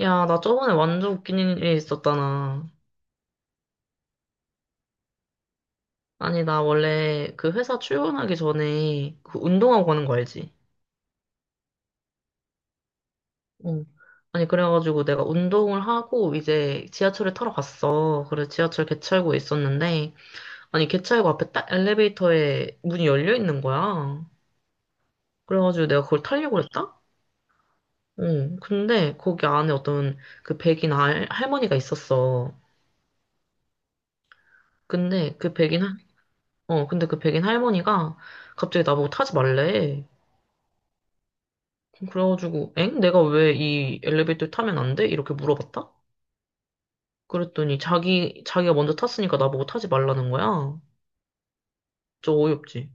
야, 나 저번에 완전 웃긴 일이 있었잖아. 아니, 나 원래 그 회사 출근하기 전에 그 운동하고 가는 거 알지? 응. 아니, 그래가지고 내가 운동을 하고 이제 지하철을 타러 갔어. 그래서 지하철 개찰구에 있었는데, 아니, 개찰구 앞에 딱 엘리베이터에 문이 열려 있는 거야. 그래가지고 내가 그걸 타려고 그랬다? 응. 근데 거기 안에 어떤 그 백인 할, 할머니가 있었어. 근데 그 백인, 어, 근데 그 백인 할머니가 갑자기 나보고 타지 말래. 그래가지고, 엥? 내가 왜 이 엘리베이터 타면 안 돼? 이렇게 물어봤다? 그랬더니 자기가 먼저 탔으니까 나보고 타지 말라는 거야. 저 어이없지.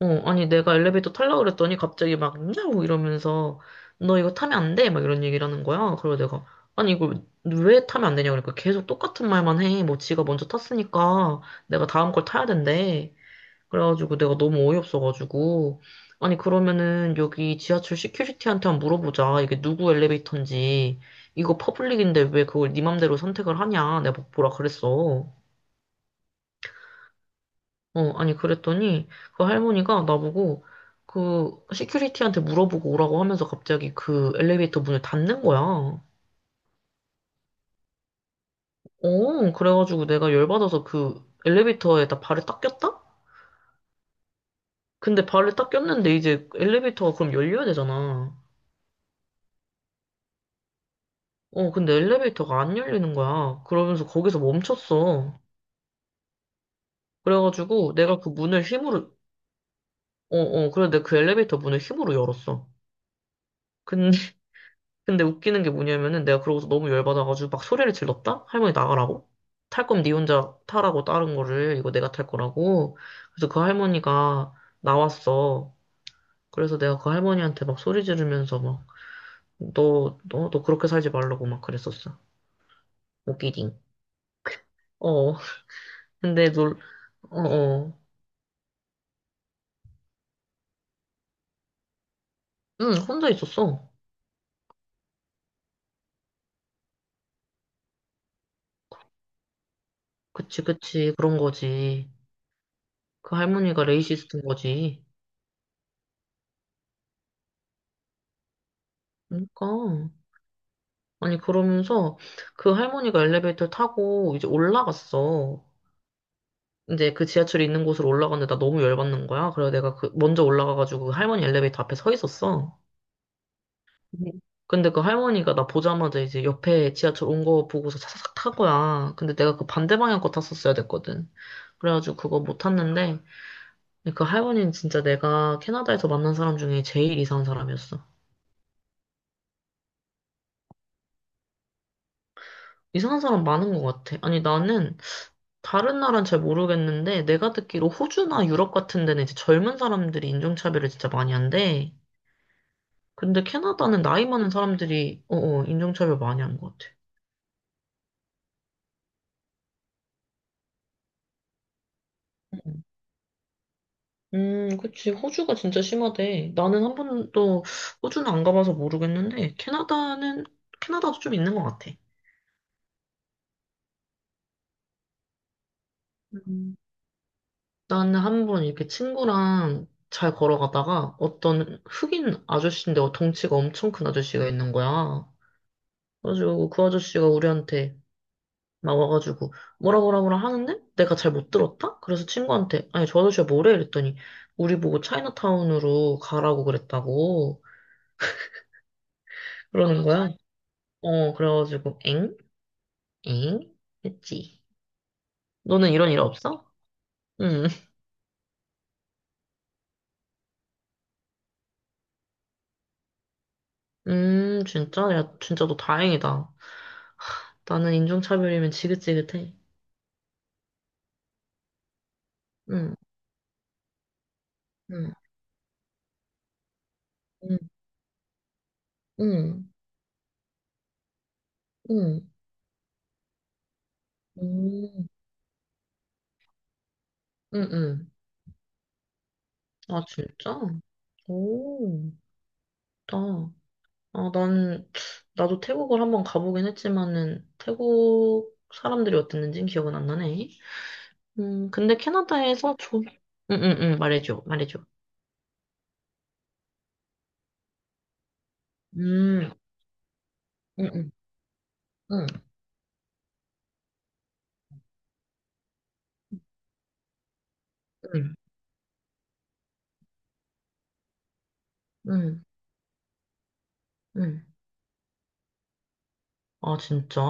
어, 아니 내가 엘리베이터 타려고 그랬더니 갑자기 막, 야우! 이러면서 너 이거 타면 안 돼? 막 이런 얘기를 하는 거야. 그래서 내가, 아니 이걸 왜 타면 안 되냐? 그러니까 계속 똑같은 말만 해. 뭐 지가 먼저 탔으니까 내가 다음 걸 타야 된대. 그래가지고 내가 너무 어이없어가지고. 아니, 그러면은 여기 지하철 시큐리티한테 한번 물어보자. 이게 누구 엘리베이터인지. 이거 퍼블릭인데 왜 그걸 네 맘대로 선택을 하냐. 내가 막 뭐라 그랬어. 어, 아니, 그랬더니 그 할머니가 나보고 그 시큐리티한테 물어보고 오라고 하면서 갑자기 그 엘리베이터 문을 닫는 거야. 어, 그래가지고 내가 열받아서 그 엘리베이터에다 발을 딱 꼈다? 근데 발을 딱 꼈는데 이제 엘리베이터가 그럼 열려야 되잖아. 어, 근데 엘리베이터가 안 열리는 거야. 그러면서 거기서 멈췄어. 그래가지고 내가 그 문을 힘으로, 어, 어, 그래 내가 그 엘리베이터 문을 힘으로 열었어. 근데, 근데 웃기는 게 뭐냐면은 내가 그러고서 너무 열받아가지고 막 소리를 질렀다? 할머니 나가라고? 탈 거면 니 혼자 타라고 다른 거를 이거 내가 탈 거라고. 그래서 그 할머니가 나왔어. 그래서 내가 그 할머니한테 막 소리 지르면서 막 너, 너, 너 그렇게 살지 말라고 막 그랬었어. 웃기딩. 어, 근데 놀, 어, 어. 응, 혼자 있었어. 그치, 그치. 그런 거지. 그 할머니가 레이시스트인 거지. 그러니까. 아니, 그러면서 그 할머니가 엘리베이터 타고 이제 올라갔어. 이제 그 지하철이 있는 곳으로 올라갔는데 나 너무 열받는 거야. 그래서 내가 그 먼저 올라가가지고 그 할머니 엘리베이터 앞에 서 있었어. 네. 근데 그 할머니가 나 보자마자 이제 옆에 지하철 온 거 보고서 사삭 탄 거야. 근데 내가 그 반대 방향 거 탔었어야 됐거든. 그래가지고 그거 못 탔는데 그 할머니는 진짜 내가 캐나다에서 만난 사람 중에 제일 이상한 사람이었어. 이상한 사람 많은 것 같아. 아니, 나는 다른 나라는 잘 모르겠는데, 내가 듣기로 호주나 유럽 같은 데는 이제 젊은 사람들이 인종차별을 진짜 많이 한대. 근데 캐나다는 나이 많은 사람들이, 인종차별 많이 한 것 같아. 음, 그치. 호주가 진짜 심하대. 나는 한 번도 호주는 안 가봐서 모르겠는데, 캐나다는, 캐나다도 좀 있는 것 같아. 음. 나는 한 번 이렇게 친구랑 잘 걸어가다가 어떤 흑인 아저씨인데 덩치가 엄청 큰 아저씨가 있는 거야. 그래가지고 그 아저씨가 우리한테 막 와가지고 뭐라 뭐라 뭐라 하는데 내가 잘 못 들었다? 그래서 친구한테 아니 저 아저씨가 뭐래? 이랬더니 우리 보고 차이나타운으로 가라고 그랬다고 그러는 거야. 어 그래가지고 엥? 엥? 했지. 너는 이런 일 없어? 응. 진짜? 야 진짜 너 다행이다. 나는 인종차별이면 지긋지긋해. 응. 응. 응. 응. 응. 응. 응. 응. 응." 아 진짜? 오. 좋다. 아, 난, 나도 태국을 한번 가보긴 했지만은, 태국 사람들이 어땠는지는 기억은 안 나네. 근데 캐나다에서 좀, 응, 응, 응, 말해줘, 말해줘. 음, 응, 응, 응, 응, 응, 응. 아, 진짜?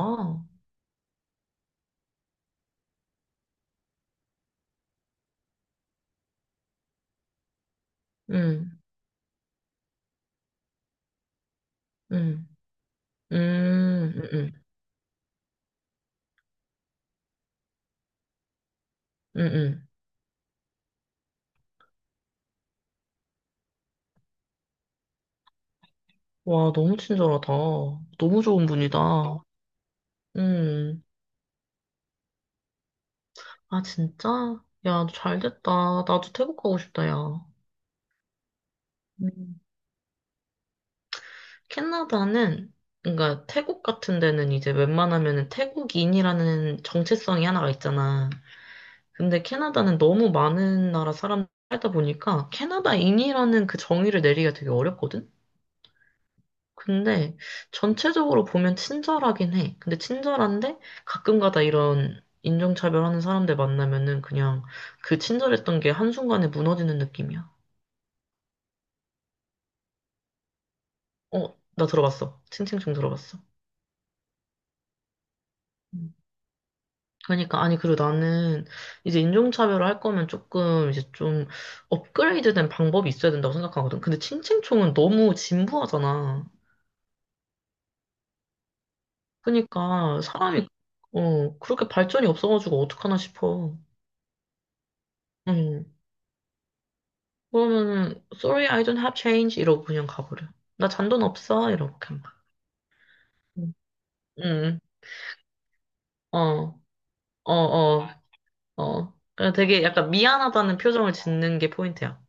응, 응, 응, 응, 응, 응. 와, 너무 친절하다. 너무 좋은 분이다. 음, 아, 진짜? 야, 잘 됐다. 나도 태국 가고 싶다, 야. 음. 캐나다는 그러니까 태국 같은 데는 이제 웬만하면은 태국인이라는 정체성이 하나가 있잖아. 근데 캐나다는 너무 많은 나라 사람 살다 보니까 캐나다인이라는 그 정의를 내리기가 되게 어렵거든. 근데 전체적으로 보면 친절하긴 해. 근데 친절한데 가끔가다 이런 인종차별하는 사람들 만나면은 그냥 그 친절했던 게 한순간에 무너지는 느낌이야. 어, 나 들어봤어. 칭칭 좀 들어봤어. 그러니까 아니 그리고 나는 이제 인종차별을 할 거면 조금 이제 좀 업그레이드된 방법이 있어야 된다고 생각하거든. 근데 칭칭총은 너무 진부하잖아. 그러니까 사람이 어 그렇게 발전이 없어가지고 어떡하나 싶어. 응. 그러면은 sorry I don't have change 이러고 그냥 가버려. 나 잔돈 없어 이러고 그냥 가. 응. 응. 어. 어. 어. 어. 그냥 되게 약간 미안하다는 표정을 짓는 게 포인트야.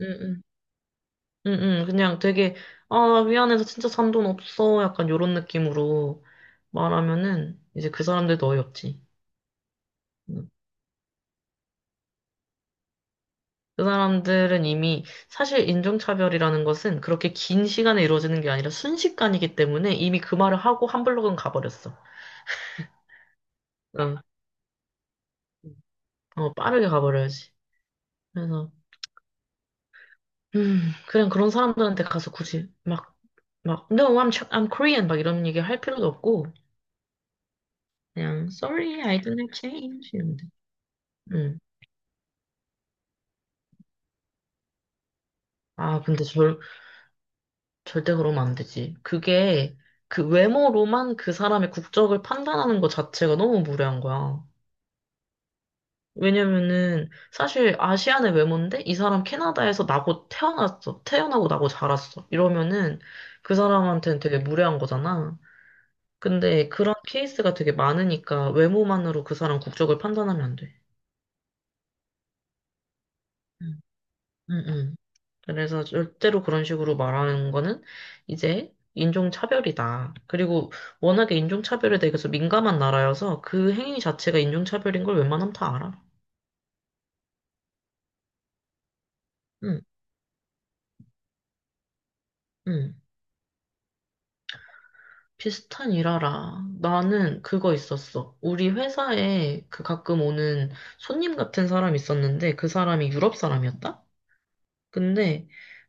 응응. 응, 응, 그냥 되게, 아, 미안해서 진짜 산 돈 없어. 약간 요런 느낌으로 말하면은 이제 그 사람들도 어이없지. 응. 그 사람들은 이미 사실 인종차별이라는 것은 그렇게 긴 시간에 이루어지는 게 아니라 순식간이기 때문에 이미 그 말을 하고 한 블록은 가버렸어. 응. 어, 빠르게 가버려야지. 그래서, 그냥 그런 사람들한테 가서 굳이 막, No, I'm Korean, 막 이런 얘기 할 필요도 없고, 그냥, Sorry, I don't have change. 이러면 돼. 응. 아, 근데 절대 그러면 안 되지. 그게 그 외모로만 그 사람의 국적을 판단하는 것 자체가 너무 무례한 거야. 왜냐면은 사실 아시안의 외모인데 이 사람 캐나다에서 나고 태어났어. 태어나고 나고 자랐어. 이러면은 그 사람한테는 되게 무례한 거잖아. 근데 그런 케이스가 되게 많으니까 외모만으로 그 사람 국적을 판단하면 안 돼. 응, 응, 응. 그래서 절대로 그런 식으로 말하는 거는 이제 인종차별이다. 그리고 워낙에 인종차별에 대해서 민감한 나라여서 그 행위 자체가 인종차별인 걸 웬만하면 다 알아. 응, 응. 비슷한 일 알아. 나는 그거 있었어. 우리 회사에 그 가끔 오는 손님 같은 사람 있었는데 그 사람이 유럽 사람이었다? 근데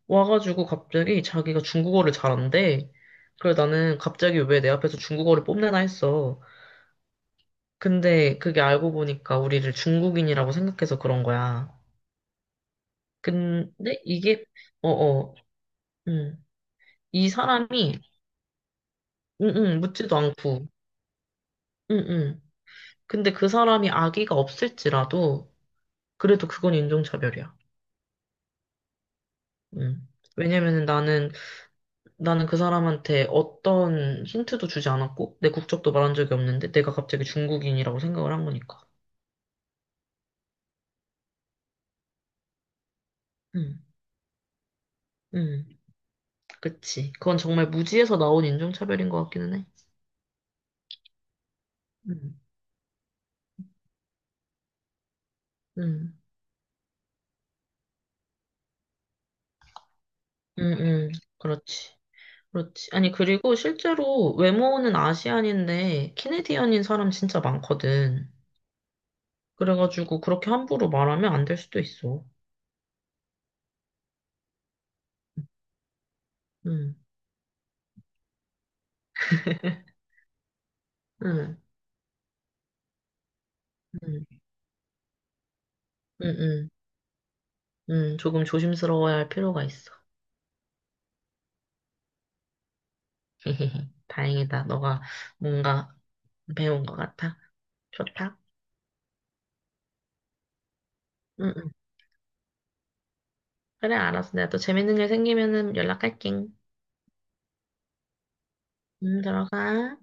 와가지고 갑자기 자기가 중국어를 잘한대. 그래 나는 갑자기 왜 내 앞에서 중국어를 뽐내나 했어. 근데 그게 알고 보니까 우리를 중국인이라고 생각해서 그런 거야. 근데 이게, 어어, 음, 이 사람이, 응, 응, 묻지도 않고, 응, 응. 근데 그 사람이 아기가 없을지라도, 그래도 그건 인종차별이야. 음. 왜냐면은 나는, 나는 그 사람한테 어떤 힌트도 주지 않았고, 내 국적도 말한 적이 없는데, 내가 갑자기 중국인이라고 생각을 한 거니까. 응, 응, 그치. 그건 정말 무지에서 나온 인종차별인 것 같기는 해. 응, 응. 음, 음, 그렇지. 그렇지. 아니, 그리고 실제로 외모는 아시안인데, 캐네디언인 사람 진짜 많거든. 그래가지고, 그렇게 함부로 말하면 안 될 수도 있어. 음, 음, 음, 음, 음, 조금 조심스러워야 할 필요가 있어. 다행이다. 너가 뭔가 배운 것 같아. 좋다. 응응 그래, 알았어. 내가 또 재밌는 일 생기면은 연락할게. 응 들어가.